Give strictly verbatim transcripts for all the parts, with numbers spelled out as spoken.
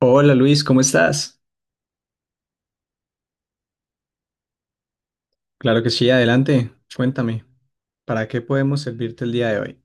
Hola Luis, ¿cómo estás? Claro que sí, adelante. Cuéntame, ¿para qué podemos servirte el día de hoy?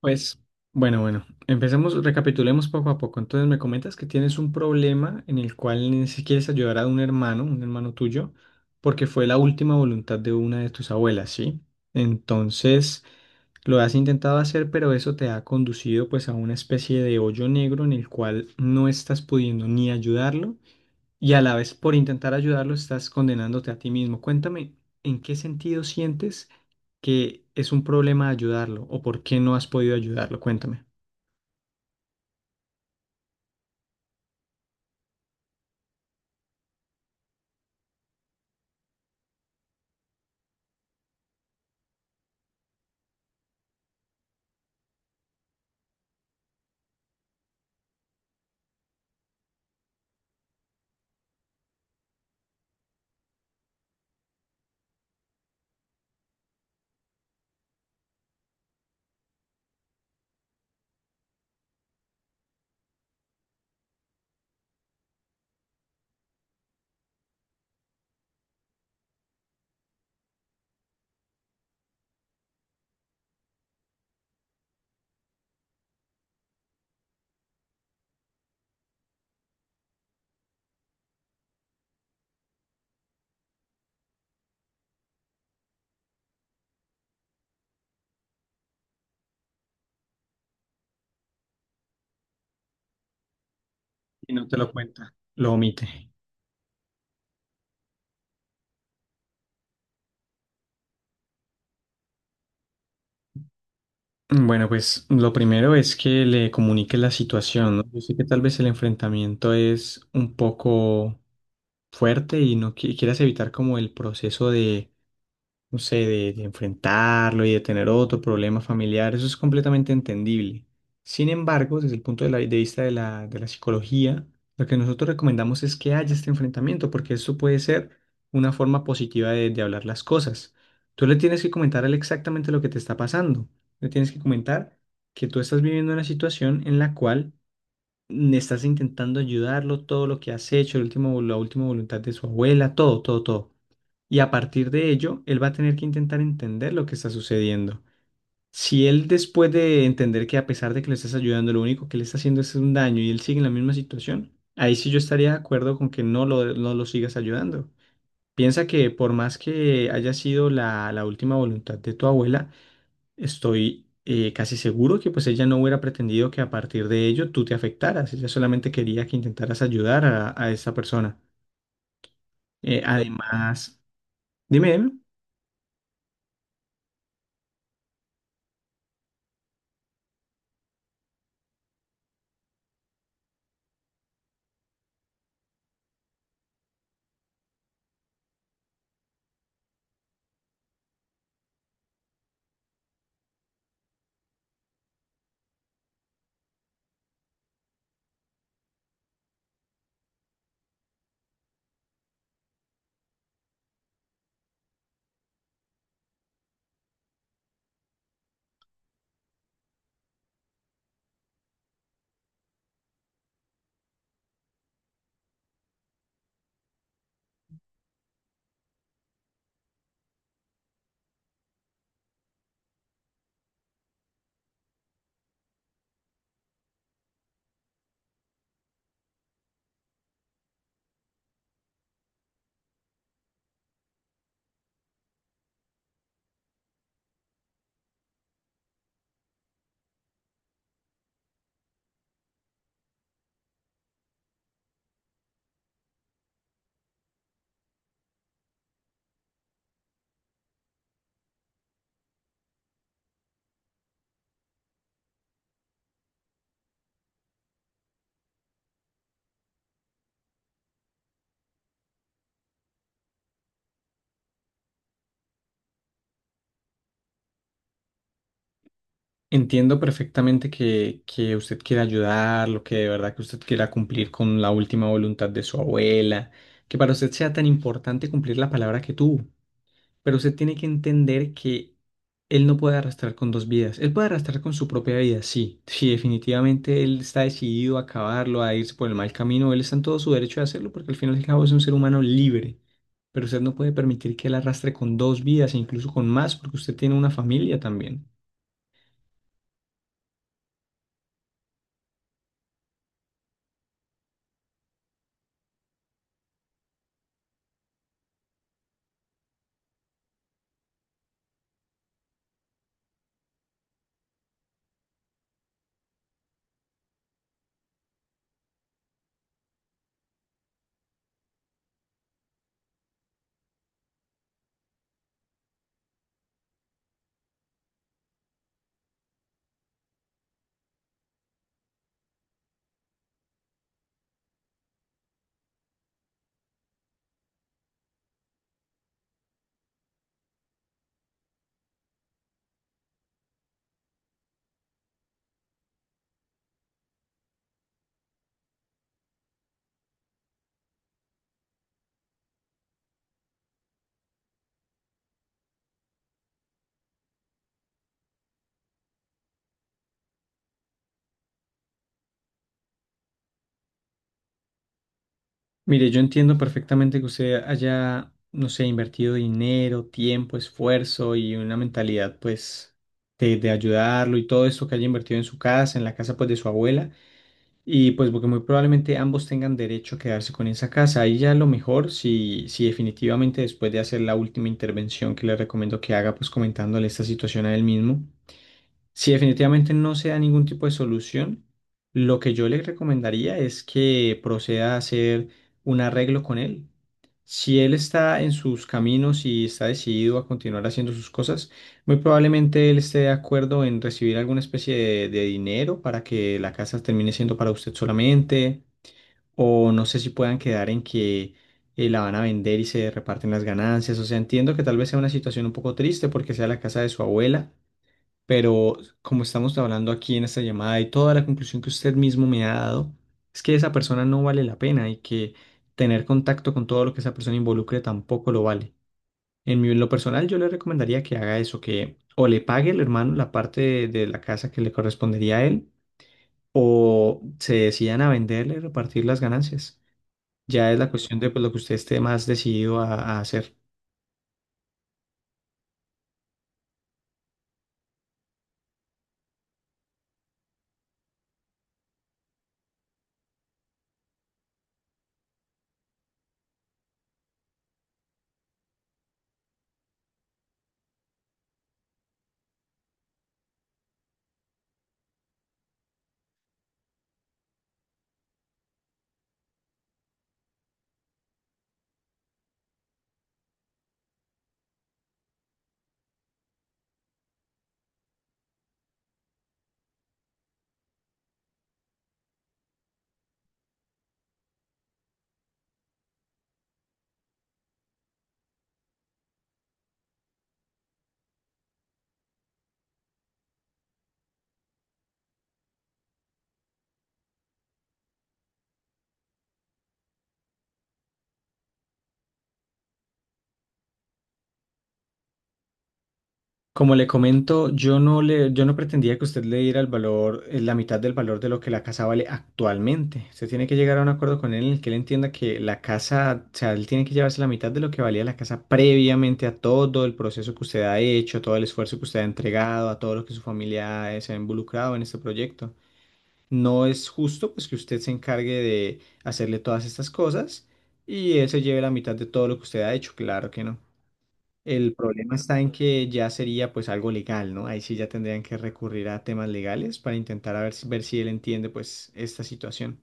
Pues, bueno, bueno, empecemos, recapitulemos poco a poco. Entonces me comentas que tienes un problema en el cual ni si quieres ayudar a un hermano, un hermano tuyo, porque fue la última voluntad de una de tus abuelas, ¿sí? Entonces lo has intentado hacer, pero eso te ha conducido pues a una especie de hoyo negro en el cual no estás pudiendo ni ayudarlo y a la vez por intentar ayudarlo estás condenándote a ti mismo. Cuéntame, ¿en qué sentido sientes que es un problema ayudarlo o por qué no has podido ayudarlo? Cuéntame. Y no te lo cuenta. Lo omite. Bueno, pues lo primero es que le comuniques la situación, ¿no? Yo sé que tal vez el enfrentamiento es un poco fuerte y no qui- quieras evitar como el proceso de no sé, de, de enfrentarlo y de tener otro problema familiar, eso es completamente entendible. Sin embargo, desde el punto de, la- de vista de la, de la psicología, lo que nosotros recomendamos es que haya este enfrentamiento, porque eso puede ser una forma positiva de, de hablar las cosas. Tú le tienes que comentar a él exactamente lo que te está pasando. Le tienes que comentar que tú estás viviendo una situación en la cual mm, estás intentando ayudarlo, todo lo que has hecho, el último, la última voluntad de su abuela, todo, todo, todo. Y a partir de ello, él va a tener que intentar entender lo que está sucediendo. Si él después de entender que a pesar de que le estás ayudando, lo único que le está haciendo es un daño y él sigue en la misma situación, ahí sí yo estaría de acuerdo con que no lo, no lo sigas ayudando. Piensa que por más que haya sido la, la última voluntad de tu abuela, estoy eh, casi seguro que pues ella no hubiera pretendido que a partir de ello tú te afectaras. Ella solamente quería que intentaras ayudar a, a esa persona. Eh, además, dime, dime, entiendo perfectamente que, que usted quiera ayudar, lo que de verdad que usted quiera cumplir con la última voluntad de su abuela, que para usted sea tan importante cumplir la palabra que tuvo. Pero usted tiene que entender que él no puede arrastrar con dos vidas. Él puede arrastrar con su propia vida, sí. Sí, definitivamente él está decidido a acabarlo, a irse por el mal camino. Él está en todo su derecho de hacerlo porque al final y al cabo es un ser humano libre. Pero usted no puede permitir que él arrastre con dos vidas e incluso con más porque usted tiene una familia también. Mire, yo entiendo perfectamente que usted haya, no sé, invertido dinero, tiempo, esfuerzo y una mentalidad, pues, de, de ayudarlo y todo esto que haya invertido en su casa, en la casa, pues, de su abuela. Y pues porque muy probablemente ambos tengan derecho a quedarse con esa casa. Ahí ya lo mejor, si, si definitivamente después de hacer la última intervención que le recomiendo que haga, pues comentándole esta situación a él mismo, si definitivamente no se da ningún tipo de solución, lo que yo le recomendaría es que proceda a hacer un arreglo con él. Si él está en sus caminos y está decidido a continuar haciendo sus cosas, muy probablemente él esté de acuerdo en recibir alguna especie de, de dinero para que la casa termine siendo para usted solamente, o no sé si puedan quedar en que eh, la van a vender y se reparten las ganancias. O sea, entiendo que tal vez sea una situación un poco triste porque sea la casa de su abuela pero como estamos hablando aquí en esta llamada y toda la conclusión que usted mismo me ha dado, es que esa persona no vale la pena y que tener contacto con todo lo que esa persona involucre tampoco lo vale. En mi- en lo personal, yo le recomendaría que haga eso, que o le pague el hermano la parte de, de la casa que le correspondería a él, o se decidan a venderle y repartir las ganancias. Ya es la cuestión de pues, lo que usted esté más decidido a a hacer. Como le comento, yo no le, yo no pretendía que usted le diera el valor, eh, la mitad del valor de lo que la casa vale actualmente. Usted tiene que llegar a un acuerdo con él en el que él entienda que la casa, o sea, él tiene que llevarse la mitad de lo que valía la casa previamente a todo el proceso que usted ha hecho, todo el esfuerzo que usted ha entregado, a todo lo que su familia eh, se ha involucrado en este proyecto. No es justo, pues, que usted se encargue de hacerle todas estas cosas y él se lleve la mitad de todo lo que usted ha hecho. Claro que no. El problema está en que ya sería pues algo legal, ¿no? Ahí sí ya tendrían que recurrir a temas legales para intentar a ver si, ver si él entiende pues esta situación.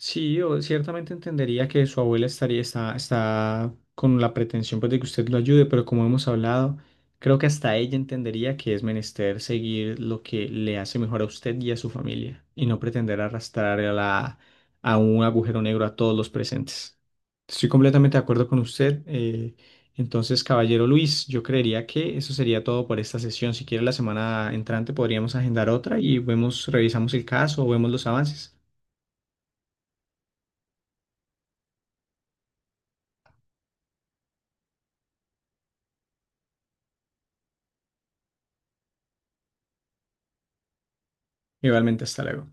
Sí, yo ciertamente entendería que su abuela estaría, está, está con la pretensión pues, de que usted lo ayude, pero como hemos hablado, creo que hasta ella entendería que es menester seguir lo que le hace mejor a usted y a su familia, y no pretender arrastrar a, la- a un agujero negro a todos los presentes. Estoy completamente de acuerdo con usted. Eh, entonces, caballero Luis, yo creería que eso sería todo por esta sesión. Si quiere, la semana entrante podríamos agendar otra y vemos, revisamos el caso o vemos los avances. Igualmente, hasta luego.